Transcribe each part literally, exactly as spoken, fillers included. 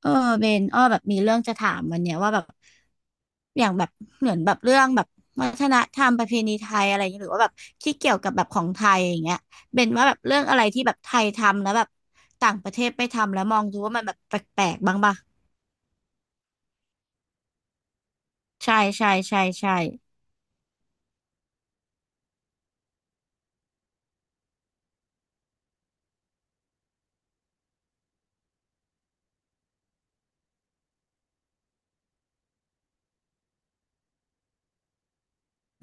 เออเบนอ้อแบบมีเรื่องจะถามวันเนี้ยว่าแบบอย่างแบบเหมือนแบบเรื่องแบบวัฒนธรรมประเพณีไทยอะไรอย่างเงี้ยหรือว่าแบบที่เกี่ยวกับแบบของไทยอย่างเงี้ยเบนว่าแบบเรื่องอะไรที่แบบไทยทำแล้วแบบต่างประเทศไม่ทำแล้วมองดูว่ามันแบบแปลกๆบ้างปะใช่ใช่ใช่ใช่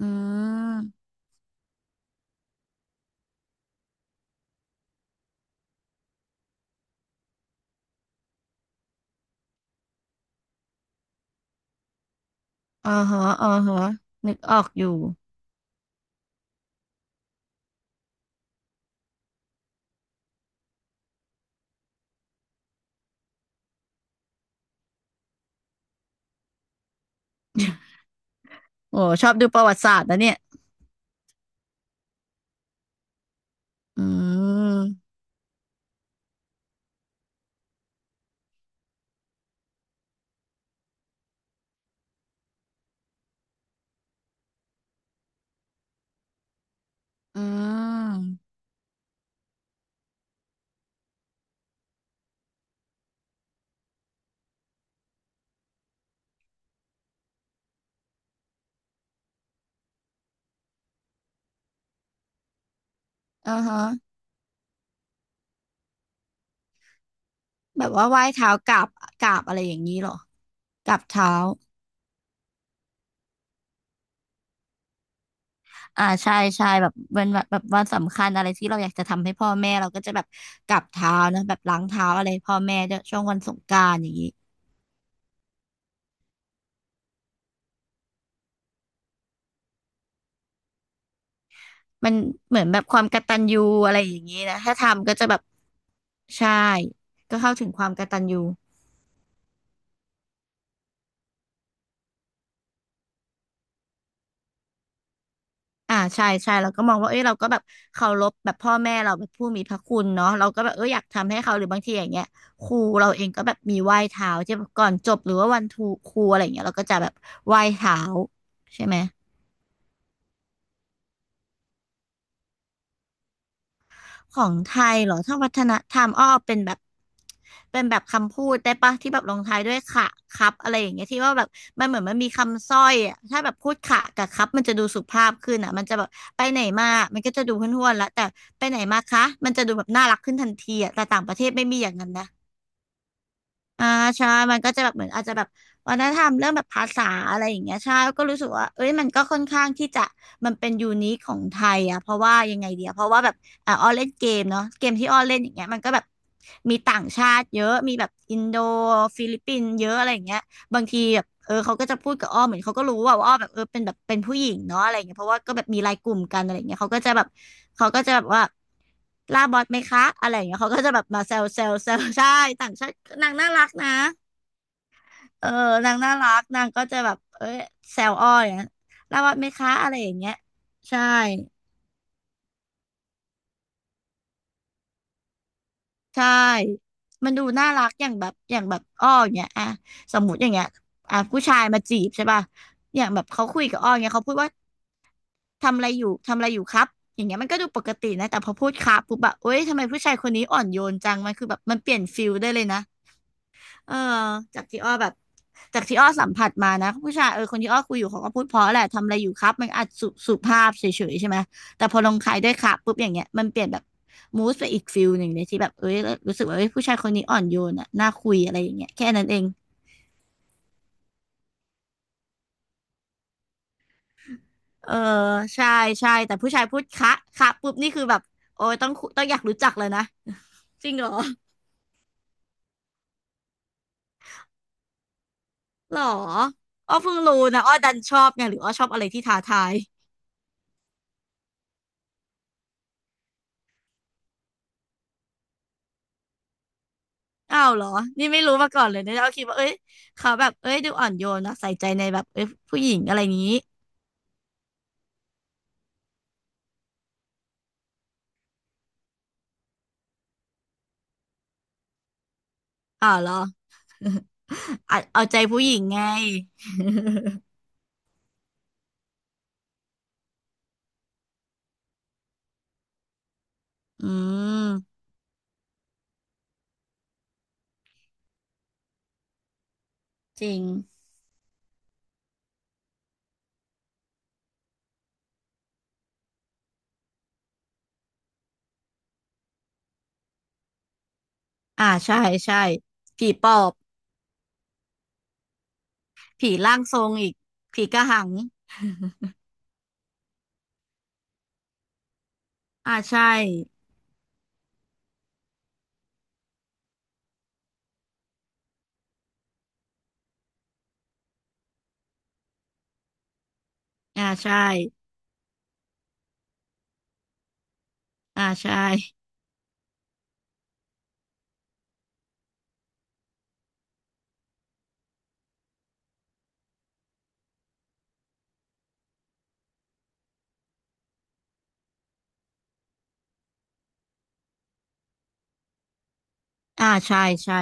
อืมอ๋อฮะอ๋อฮะนึกออกอยู่โอ้ชอบดูประวัติศาสตร์นะเนี่ยอืมอืมอ๋อฮะแบบว่าไหว้เท้ากราบกราบอะไรอย่างนี้เหรอกราบเท้า อ่าใช่ใช่แบบวันแบบแบบวันสำคัญอะไรที่เราอยากจะทำให้พ่อแม่เราก็จะแบบกราบเท้านะแบบล้างเท้าอะไรพ่อแม่ด้วยช่วงวันสงกรานต์อย่างนี้มันเหมือนแบบความกตัญญูอะไรอย่างนี้นะถ้าทำก็จะแบบใช่ก็เข้าถึงความกตัญญูอ่าใช่ใช่เราก็มองว่าเอ้ยเราก็แบบเคารพแบบพ่อแม่เราแบบผู้มีพระคุณเนาะเราก็แบบเอออยากทำให้เขาหรือบางทีอย่างเงี้ยครูเราเองก็แบบมีไหว้เท้าที่แบบก่อนจบหรือว่าวันทูครูอะไรอย่างเงี้ยเราก็จะแบบไหว้เท้าใช่ไหม ของไทยเหรอถ้าวัฒนธรรมอ้อเป็นแบบเป็นแบบคำพูดได้ปะที่แบบลงท้ายด้วยค่ะครับอะไรอย่างเงี้ยที่ว่าแบบมันเหมือนมันมีคำสร้อยอะถ้าแบบพูดค่ะกับครับมันจะดูสุภาพขึ้นอ่ะมันจะแบบไปไหนมามันก็จะดูห้วนๆแล้วแต่ไปไหนมาคะมันจะดูแบบน่ารักขึ้นทันทีอ่ะแต่ต่างประเทศไม่มีอย่างนั้นนะ อ่าใช่มันก็จะแบบเหมือนอาจจะแบบวัฒนธรรมเรื่องแบบภาษาอะไรอย่างเงี้ยใช่ก็รู้สึกว่าเอ้ยมันก็ค่อนข้างที่จะมันเป็นยูนิคของไทยอ่ะเพราะว่ายังไงเดียเพราะว่าแบบอ่าอ้อเล่นเกมเนาะเกมที่อ้อเล่นอย่างเงี้ยมันก็แบบมีต่างชาติเยอะมีแบบอินโดฟิลิปปินส์เยอะอะไรอย่างเงี้ย บางทีแบบเออเขาก็จะพูดกับอ้อเหมือนเขาก็รู้ว่าว่าอ้อแบบเออเป็นแบบเป็นผู้หญิงเนาะอะไรเงี้ยเพราะว่าก็แบบมีไลน์กลุ่มกันอะไรเงี้ยเขาก็จะแบบเขาก็จะแบบว่าล่าบอสไหมคะอะไรเงี้ยเขาก็จะแบบมาแซวแซวแซว ใช่ต่างชาตินางน่ารักนะเออนางน่ารักนางก็จะแบบเออแซวอ้ออย่างเงี้ยล่าบอสไหมคะอะไรอย่างเงี้ยใช่ใช่มันดูน่ารักอย่างแบบอย่างแบบอ้ออย่างเงี้ยอ่ะสมมติอย่างเงี้ยอ่ะผู้ชายมาจีบใช่ป่ะอย่างแบบเขาคุยกับอ้ออย่างเงี้ยเขาพูดว่า ทำอะไรอยู่ทำอะไรอยู่ครับอย่างเงี้ยมันก็ดูปกตินะแต่พอพูดครับปุ๊บแบบเอ้ยทำไมผู้ชายคนนี้อ่อนโยนจังมันคือแบบมันเปลี่ยนฟิลได้เลยนะเออจากที่อ้อแบบจากที่อ้อสัมผัสมานะผู้ชายเออคนที่อ้อคุยอยู่เขาก็พูดเพราะแหละทำอะไรอยู่ครับมันอาจสุสุภาพเฉยๆใช่ไหมแต่พอลงท้ายด้วยครับปุ๊บอย่างเงี้ยมันเปลี่ยนแบบมูสไปอีกฟิลหนึ่งเลยที่แบบเอ้ยรู้สึกว่าเอ้ยผู้ชายคนนี้อ่อนโยนอ่ะน่าคุยอะไรอย่างเงี้ยแค่นั้นเอง เออใช่ใช่แต่ผู้ชายพูดคะคะปุ๊บนี่คือแบบโอ้ยต้องคุต้องอยากรู้จักเลยนะจริงเหรอหรออ้อเพิ่งรู้นะอ้อดันชอบไงหรืออ้อชอบอะไรที่ท้าทายอ้าวเหรอนี่ไม่รู้มาก่อนเลยเนี่ยอ้อคิดว่าเอ้ยเขาแบบเอ้ยดูอ่อนโยนนะใส่ใจในแบบเอ้ยผู้หญิงอะไรอย่างนี้อ้าวเหรอ เอาเอาใจผู้หญิงไงอืมจริงอ่าใช่ใช่ผีปอบผีร่างทรงอีกผีกระหังอ่าใช่อ่าใช่ อ่าใช่อ่าใช่ใช่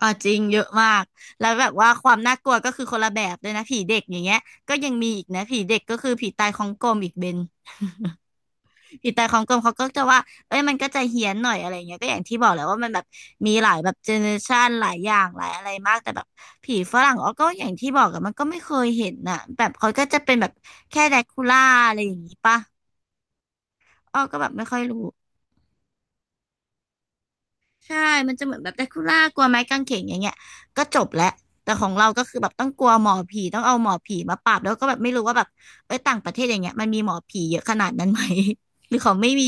อ่าจริงเยอะมากแล้วแบบว่าความน่ากลัวก็คือคนละแบบเลยนะผีเด็กอย่างเงี้ยก็ยังมีอีกนะผีเด็กก็คือผีตายของกลมอีกเบนผีตายของกลมเขาก็จะว่าเอ้ยมันก็จะเฮี้ยนหน่อยอะไรเงี้ยก็อย่างที่บอกแหล้วว่ามันแบบมีหลายแบบเจเนอเรชันหลายอย่างหลายอะไรมากแต่แบบผีฝรั่งอ๋อก็อย่างที่บอกอะมันก็ไม่เคยเห็นน่ะแบบเขาก็จะเป็นแบบแค่แดกคูล่าอะไรอย่างงี้ปะอ๋อก็แบบไม่ค่อยรู้ ใช่ มันจะเหมือนแบบแดคูล่ากลัวไม้กางเขนอย่างเงี้ยก็จบแล้ว แต่ของเราก็คือแบบต้องกลัวหมอผี ต้องเอาหมอผีมาปราบแล้วก็แบบไม่รู้ว่าแบบเอ้ยต่างประเทศอย่างเงี้ยมันมีหมอผีเยอะขนาดนั้นไหม หรือเขาไม่มี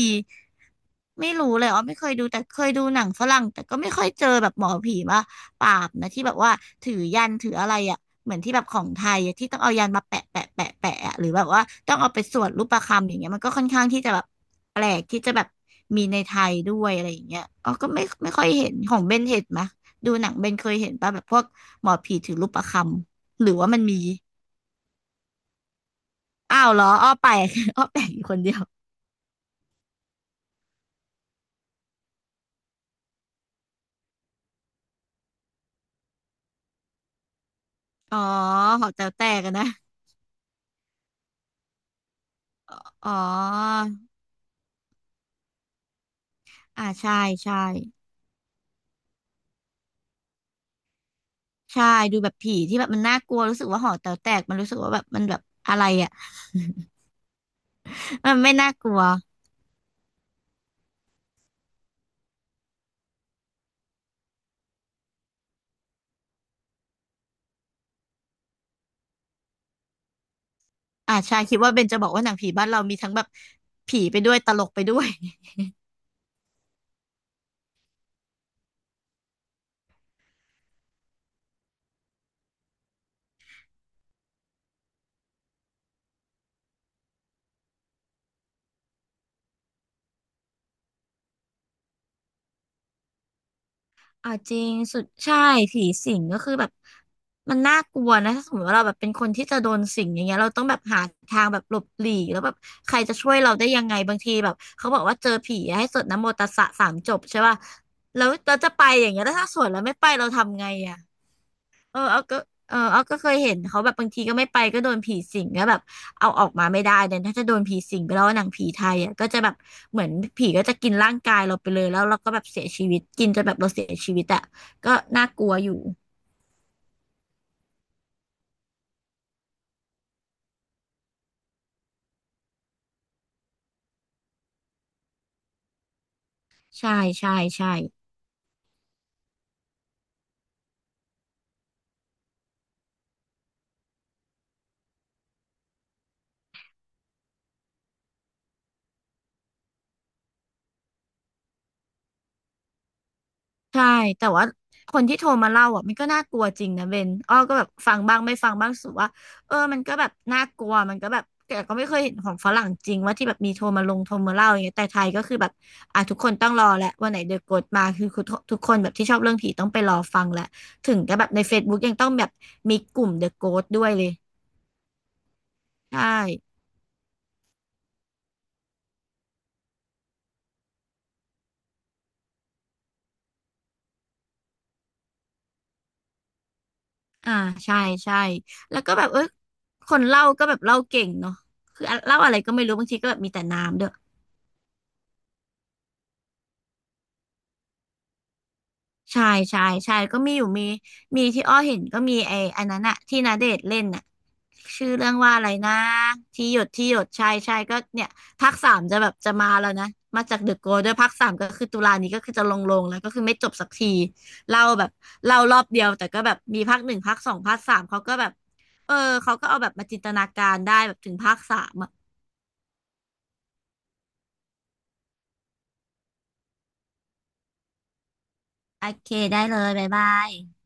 ไม่รู้เลยอ๋อไม่เคยดูแต่เคยดูหนังฝรั่งแต่ก็ไม่ค่อยเจอแบบหมอผีมาปราบนะที่แบบว่าถือยันถืออะไรอ่ะเหมือนที่แบบของไทยอะที่ต้องเอายันมาแปะแปะแปะแปะอะหรือแบบว่าต้องเอาไปสวดรูปประคำอย่างเงี้ยมันก็ค่อนข้างที่จะแบบแปลกที่จะแบบมีในไทยด้วยอะไรอย่างเงี้ยอ๋อก็ไม่ไม่ค่อยเห็นของเบนเห็นไหมดูหนังเบนเคยเห็นป่ะแบบพวกหมอผีถือรูปประคำหรือว่ามันมีอ้าวเหรออ้อแปลก อ้อแปลกอยู่คนเดียวอ๋อหอแต๋วแตกอะนะอ๋อ อ่าใช่ใช่ใช่ดูแบบผีที่แบบมันน่ากลัวรู้สึกว่าหอแต๋วแตกมันรู้สึกว่าแบบมันแบบอะไรอ่ะ มันไม่น่ากลัวอ่าใช่คิดว่าเบนจะบอกว่าหนังผีบ้านเรามีทั้งแบบผีไปด้วยตลกไปด้วยอ่าจริงสุดใช่ผีสิงก็คือแบบมันน่ากลัวนะถ้าสมมติว่าเราแบบเป็นคนที่จะโดนสิงอย่างเงี้ยเราต้องแบบหาทางแบบหลบหลีกแล้วแบบใครจะช่วยเราได้ยังไงบางทีแบบเขาบอกว่าเจอผีให้สวดนะโมตัสสะสามจบใช่ป่ะแล้วเราจะไปอย่างเงี้ยแล้วถ้าสวดแล้วไม่ไปเราทำไงอ่ะ เออเอาก็เออเอาก็เคยเห็นเขาแบบบางทีก็ไม่ไปก็โดนผีสิงก็แบบเอาออกมาไม่ได้เนี่ยถ้าจะโดนผีสิงไปแล้วหนังผีไทยอ่ะก็จะแบบเหมือนผีก็จะกินร่างกายเราไปเลยแล้วเราก็แบบเสียชีวิตกินจนแบบเราเสียชีวิตอ่ะก็น่ากลัวอยู่ใช่ใช่ใช่ ใช่แต่ว่าคนที่โทรมาเล่าอ่ะมันก็น่ากลัวจริงนะเบนอ้อก็แบบฟังบ้างไม่ฟังบ้างรู้สุว่าเออมันก็แบบน่ากลัวมันก็แบบแต่ก็ไม่เคยเห็นของฝรั่งจริงว่าที่แบบมีโทรมาลงโทรมาเล่าอย่างเงี้ยแต่ไทยก็คือแบบอ่ะทุกคนต้องรอแหละวันไหนเดอะโกสมาคือทุกทุกคนแบบที่ชอบเรื่องผีต้องไปรอฟังแหละถึงจะแบบใน Facebook ยังต้องแบบมีกลุ่มเดอะโกสด้วยเลยใช่อ่าใช่ใช่แล้วก็แบบเออคนเล่าก็แบบเล่าเก่งเนาะคือเล่าอะไรก็ไม่รู้บางทีก็แบบมีแต่น้ำด้วย ใช่ใช่ใช่ก็มีอยู่มีมีที่อ้อเห็นก็มีไอ้อันนั้นอะที่ณเดชน์เล่นอะชื่อเรื่องว่าอะไรนะที่หยดที่หยดใช่ใช่ก็เนี่ยภาคสามจะแบบจะมาแล้วนะมาจากเดอะโกด้วยภาคสามก็คือตุลานี้ก็คือจะลงลงแล้วก็คือไม่จบสักทีเล่าแบบเล่ารอบเดียวแต่ก็แบบมีภาคหนึ่งภาคสองภาคสามเขาก็แบบเออเขาก็เอาแบบมาจินตนาการได้แบบถึงภาคสามอะโอเคได้เลยบ๊ายบาย